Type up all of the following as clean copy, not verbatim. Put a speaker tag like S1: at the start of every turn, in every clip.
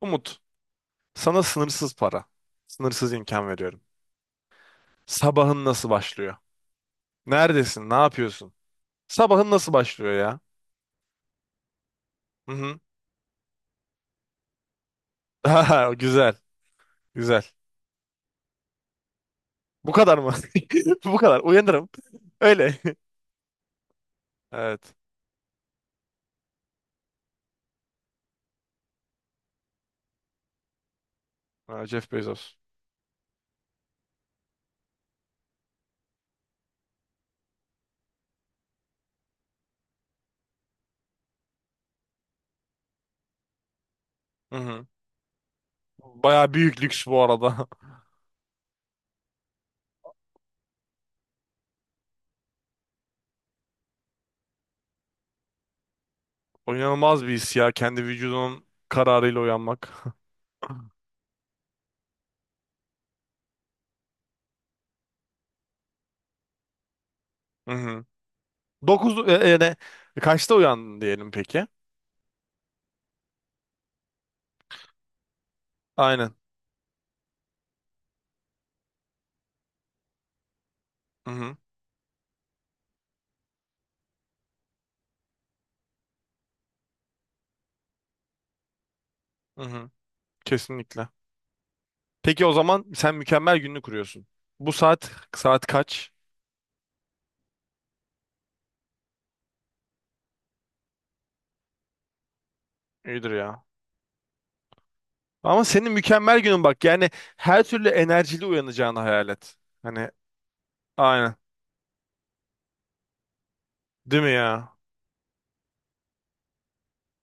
S1: Umut, sana sınırsız para, sınırsız imkan veriyorum. Sabahın nasıl başlıyor? Neredesin? Ne yapıyorsun? Sabahın nasıl başlıyor ya? Hı hı. Aha, güzel, güzel. Bu kadar mı? Bu kadar. Uyanırım. Öyle. Evet. Ha, Jeff Bezos. Hı hı. Bayağı büyük lüks bu arada. O İnanılmaz bir his ya. Kendi vücudunun kararıyla uyanmak. Hı hı. Dokuz, ne? Kaçta uyandın diyelim peki? Aynen. Hı hı. Hı hı. Kesinlikle. Peki o zaman sen mükemmel gününü kuruyorsun. Bu saat kaç? İyidir ya. Ama senin mükemmel günün bak, yani her türlü enerjili uyanacağını hayal et. Hani aynen. Değil mi ya?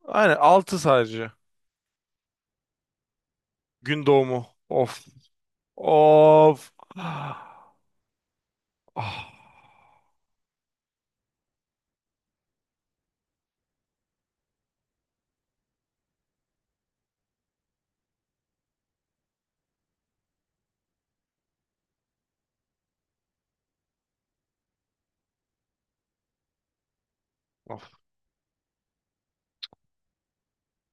S1: Aynen altı sadece. Gün doğumu. Of. Of. Ah. Of.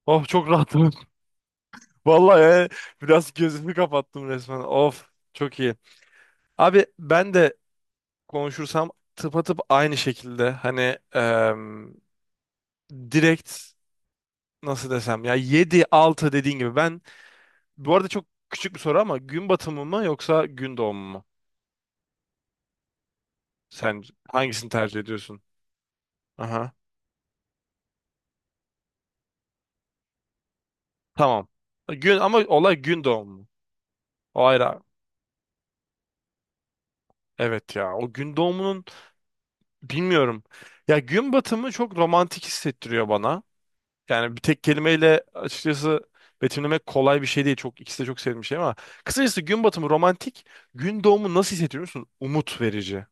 S1: Of, çok rahatım. Vallahi yani biraz gözümü kapattım resmen. Of. Çok iyi. Abi ben de konuşursam tıpatıp aynı şekilde hani direkt, nasıl desem ya, 7 6 dediğin gibi ben bu arada çok küçük bir soru ama gün batımı mı yoksa gün doğumu mu? Sen hangisini tercih ediyorsun? Aha. Tamam. Gün ama olay gün doğumu. O ayrı abi. Evet ya, o gün doğumunun bilmiyorum. Ya gün batımı çok romantik hissettiriyor bana. Yani bir tek kelimeyle açıkçası betimlemek kolay bir şey değil. Çok, ikisi de çok sevdiğim şey ama kısacası gün batımı romantik, gün doğumu nasıl hissettiriyor musun? Umut verici.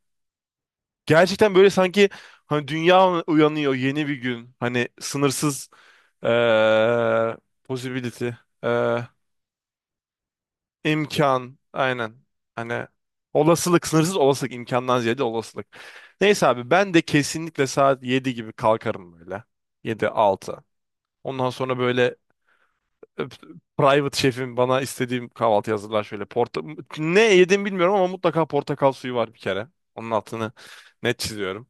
S1: Gerçekten böyle sanki hani dünya uyanıyor, yeni bir gün. Hani sınırsız eee possibility, eee, imkan aynen. Hani olasılık, sınırsız olasılık, imkandan ziyade olasılık. Neyse abi, ben de kesinlikle saat 7 gibi kalkarım böyle. Yedi altı. Ondan sonra böyle private şefim bana istediğim kahvaltı hazırlar şöyle. Ne yedim bilmiyorum ama mutlaka portakal suyu var bir kere. Onun altını net çiziyorum.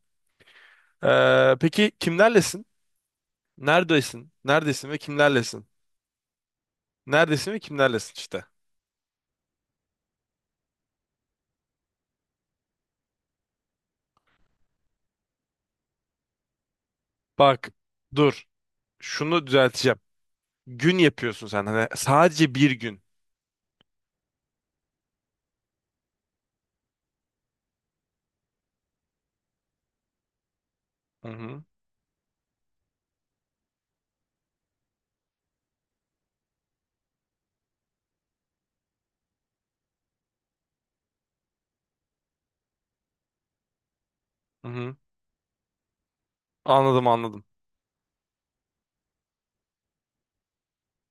S1: Peki kimlerlesin? Neredesin? Neredesin ve kimlerlesin? Neredesin ve kimlerlesin işte. Bak, dur. Şunu düzelteceğim. Gün yapıyorsun sen. Hani sadece bir gün. Hı hı. Hı hı. Anladım, anladım.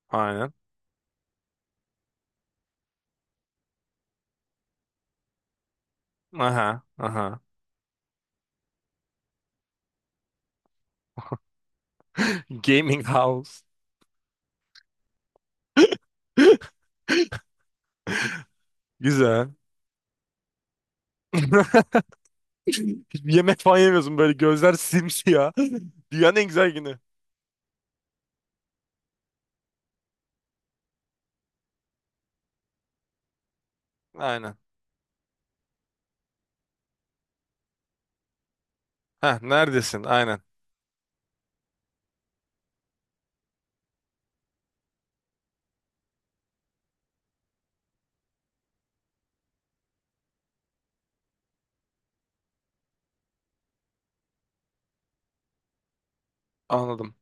S1: Aynen. Aha. Aha. Gaming house. Güzel. Yemek falan yemiyorsun, böyle gözler simsiyah. Dünyanın en güzel günü. Aynen. Heh, neredesin? Aynen. Anladım.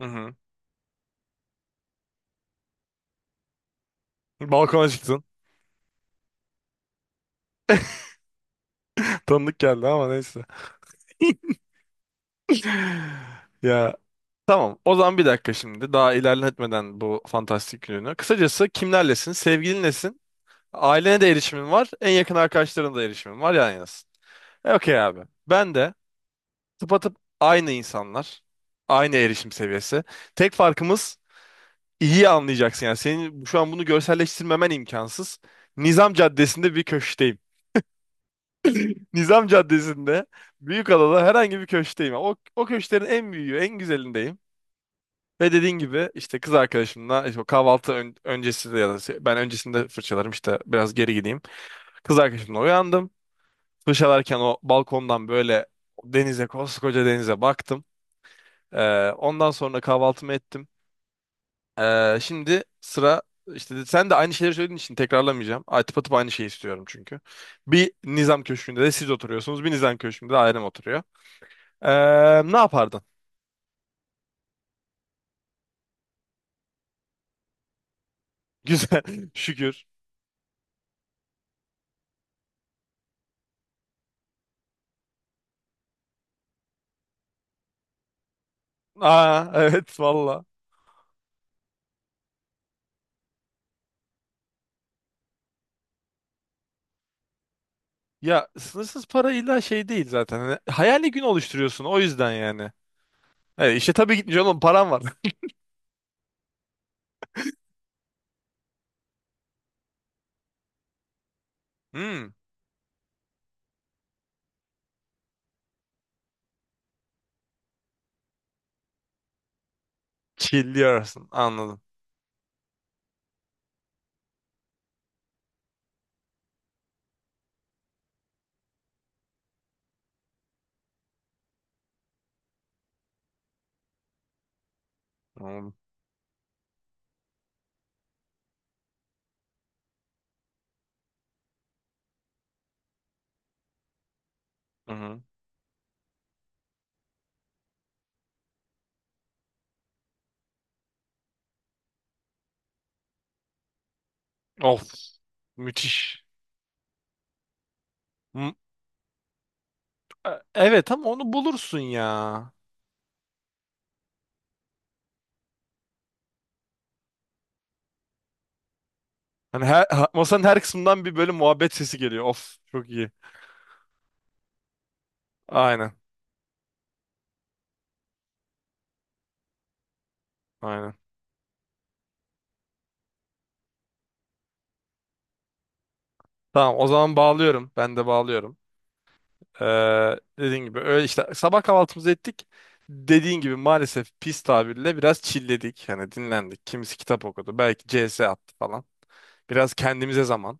S1: Hı hı. Balkona çıktın. Tanıdık geldi ama neyse. Ya, tamam. O zaman bir dakika şimdi. Daha ilerletmeden bu fantastik gününü. Kısacası kimlerlesin? Sevgilinlesin. Ailene de erişimin var. En yakın arkadaşlarına da erişimin var. Yan yanasın. E, okey abi. Ben de tıpatıp aynı insanlar. Aynı erişim seviyesi. Tek farkımız, iyi anlayacaksın. Yani senin şu an bunu görselleştirmemen imkansız. Nizam Caddesi'nde bir köşkteyim. Nizam Caddesi'nde, Büyükada'da herhangi bir köşkteyim. O köşklerin en büyüğü, en güzelindeyim. Ve dediğin gibi işte kız arkadaşımla, işte o kahvaltı öncesi de, ya da ben öncesinde fırçalarım, işte biraz geri gideyim. Kız arkadaşımla uyandım. Fırçalarken o balkondan böyle koskoca denize baktım. Ondan sonra kahvaltımı ettim. Şimdi sıra, işte sen de aynı şeyleri söylediğin için tekrarlamayacağım. Atıp atıp aynı şeyi istiyorum çünkü. Bir Nizam Köşkü'nde de siz oturuyorsunuz. Bir Nizam Köşkü'nde de ailem oturuyor. Ee, Ne yapardın? Güzel. Şükür. Aa evet valla. Ya, sınırsız para illa şey değil zaten. Hani hayali gün oluşturuyorsun o yüzden yani. İşte işte tabii, gitmiş oğlum, param var. Hmm. Chilliyorsun. Anladım. Anladım. Hı-hı. Of. Müthiş. M- Evet ama onu bulursun ya. Hani her, masanın her kısmından bir böyle muhabbet sesi geliyor. Of, çok iyi. Aynen. Aynen. Tamam, o zaman bağlıyorum. Ben de bağlıyorum. Ee, Dediğin gibi öyle işte, sabah kahvaltımızı ettik. Dediğin gibi maalesef pis tabirle biraz çilledik. Hani dinlendik. Kimisi kitap okudu. Belki CS attı falan. Biraz kendimize zaman.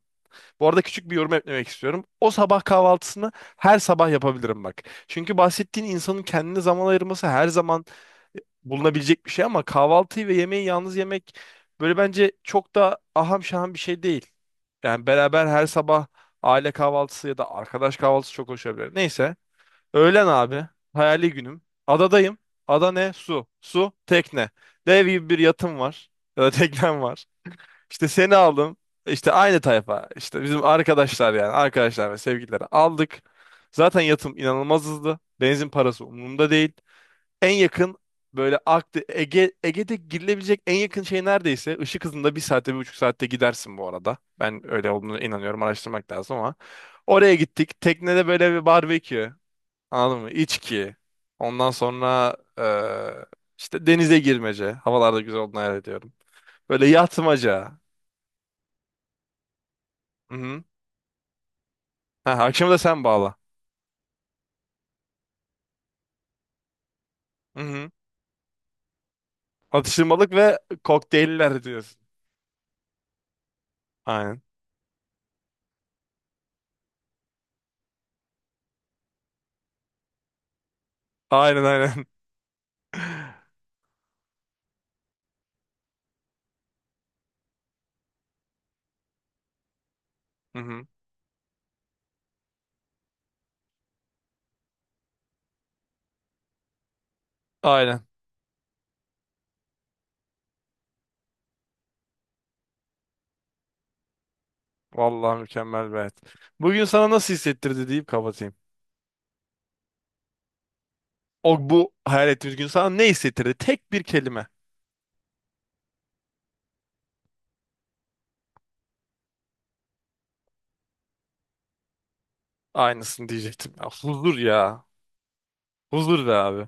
S1: Bu arada küçük bir yorum eklemek istiyorum. O sabah kahvaltısını her sabah yapabilirim bak. Çünkü bahsettiğin insanın kendine zaman ayırması her zaman bulunabilecek bir şey ama kahvaltıyı ve yemeği yalnız yemek böyle, bence çok da aham şaham bir şey değil. Yani beraber her sabah aile kahvaltısı ya da arkadaş kahvaltısı çok hoş olabilir. Neyse. Öğlen abi. Hayali günüm. Adadayım. Ada ne? Su. Su, tekne. Dev gibi bir yatım var. Ya da teknem var. İşte seni aldım. İşte aynı tayfa. İşte bizim arkadaşlar yani. Arkadaşlar ve sevgilileri aldık. Zaten yatım inanılmaz hızlı. Benzin parası umurumda değil. En yakın böyle Ege, Ege'de girilebilecek en yakın şey, neredeyse ışık hızında, bir saatte, bir buçuk saatte gidersin bu arada. Ben öyle olduğunu inanıyorum, araştırmak lazım ama. Oraya gittik. Teknede böyle bir barbekü. Anladın mı? İçki. Ondan sonra işte denize girmece. Havalarda güzel olduğunu hayal ediyorum. Böyle yatmaca. Hı-hı. Ha, akşamı da sen bağla. Hı-hı. Atıştırmalık ve kokteyller diyorsun. Aynen. Aynen, aynen. Hı-hı. Aynen. Vallahi mükemmel bir hayat. Bugün sana nasıl hissettirdi deyip kapatayım. O, bu hayal ettiğimiz gün sana ne hissettirdi? Tek bir kelime. Aynısını diyecektim. Ya, huzur ya. Huzur be abi.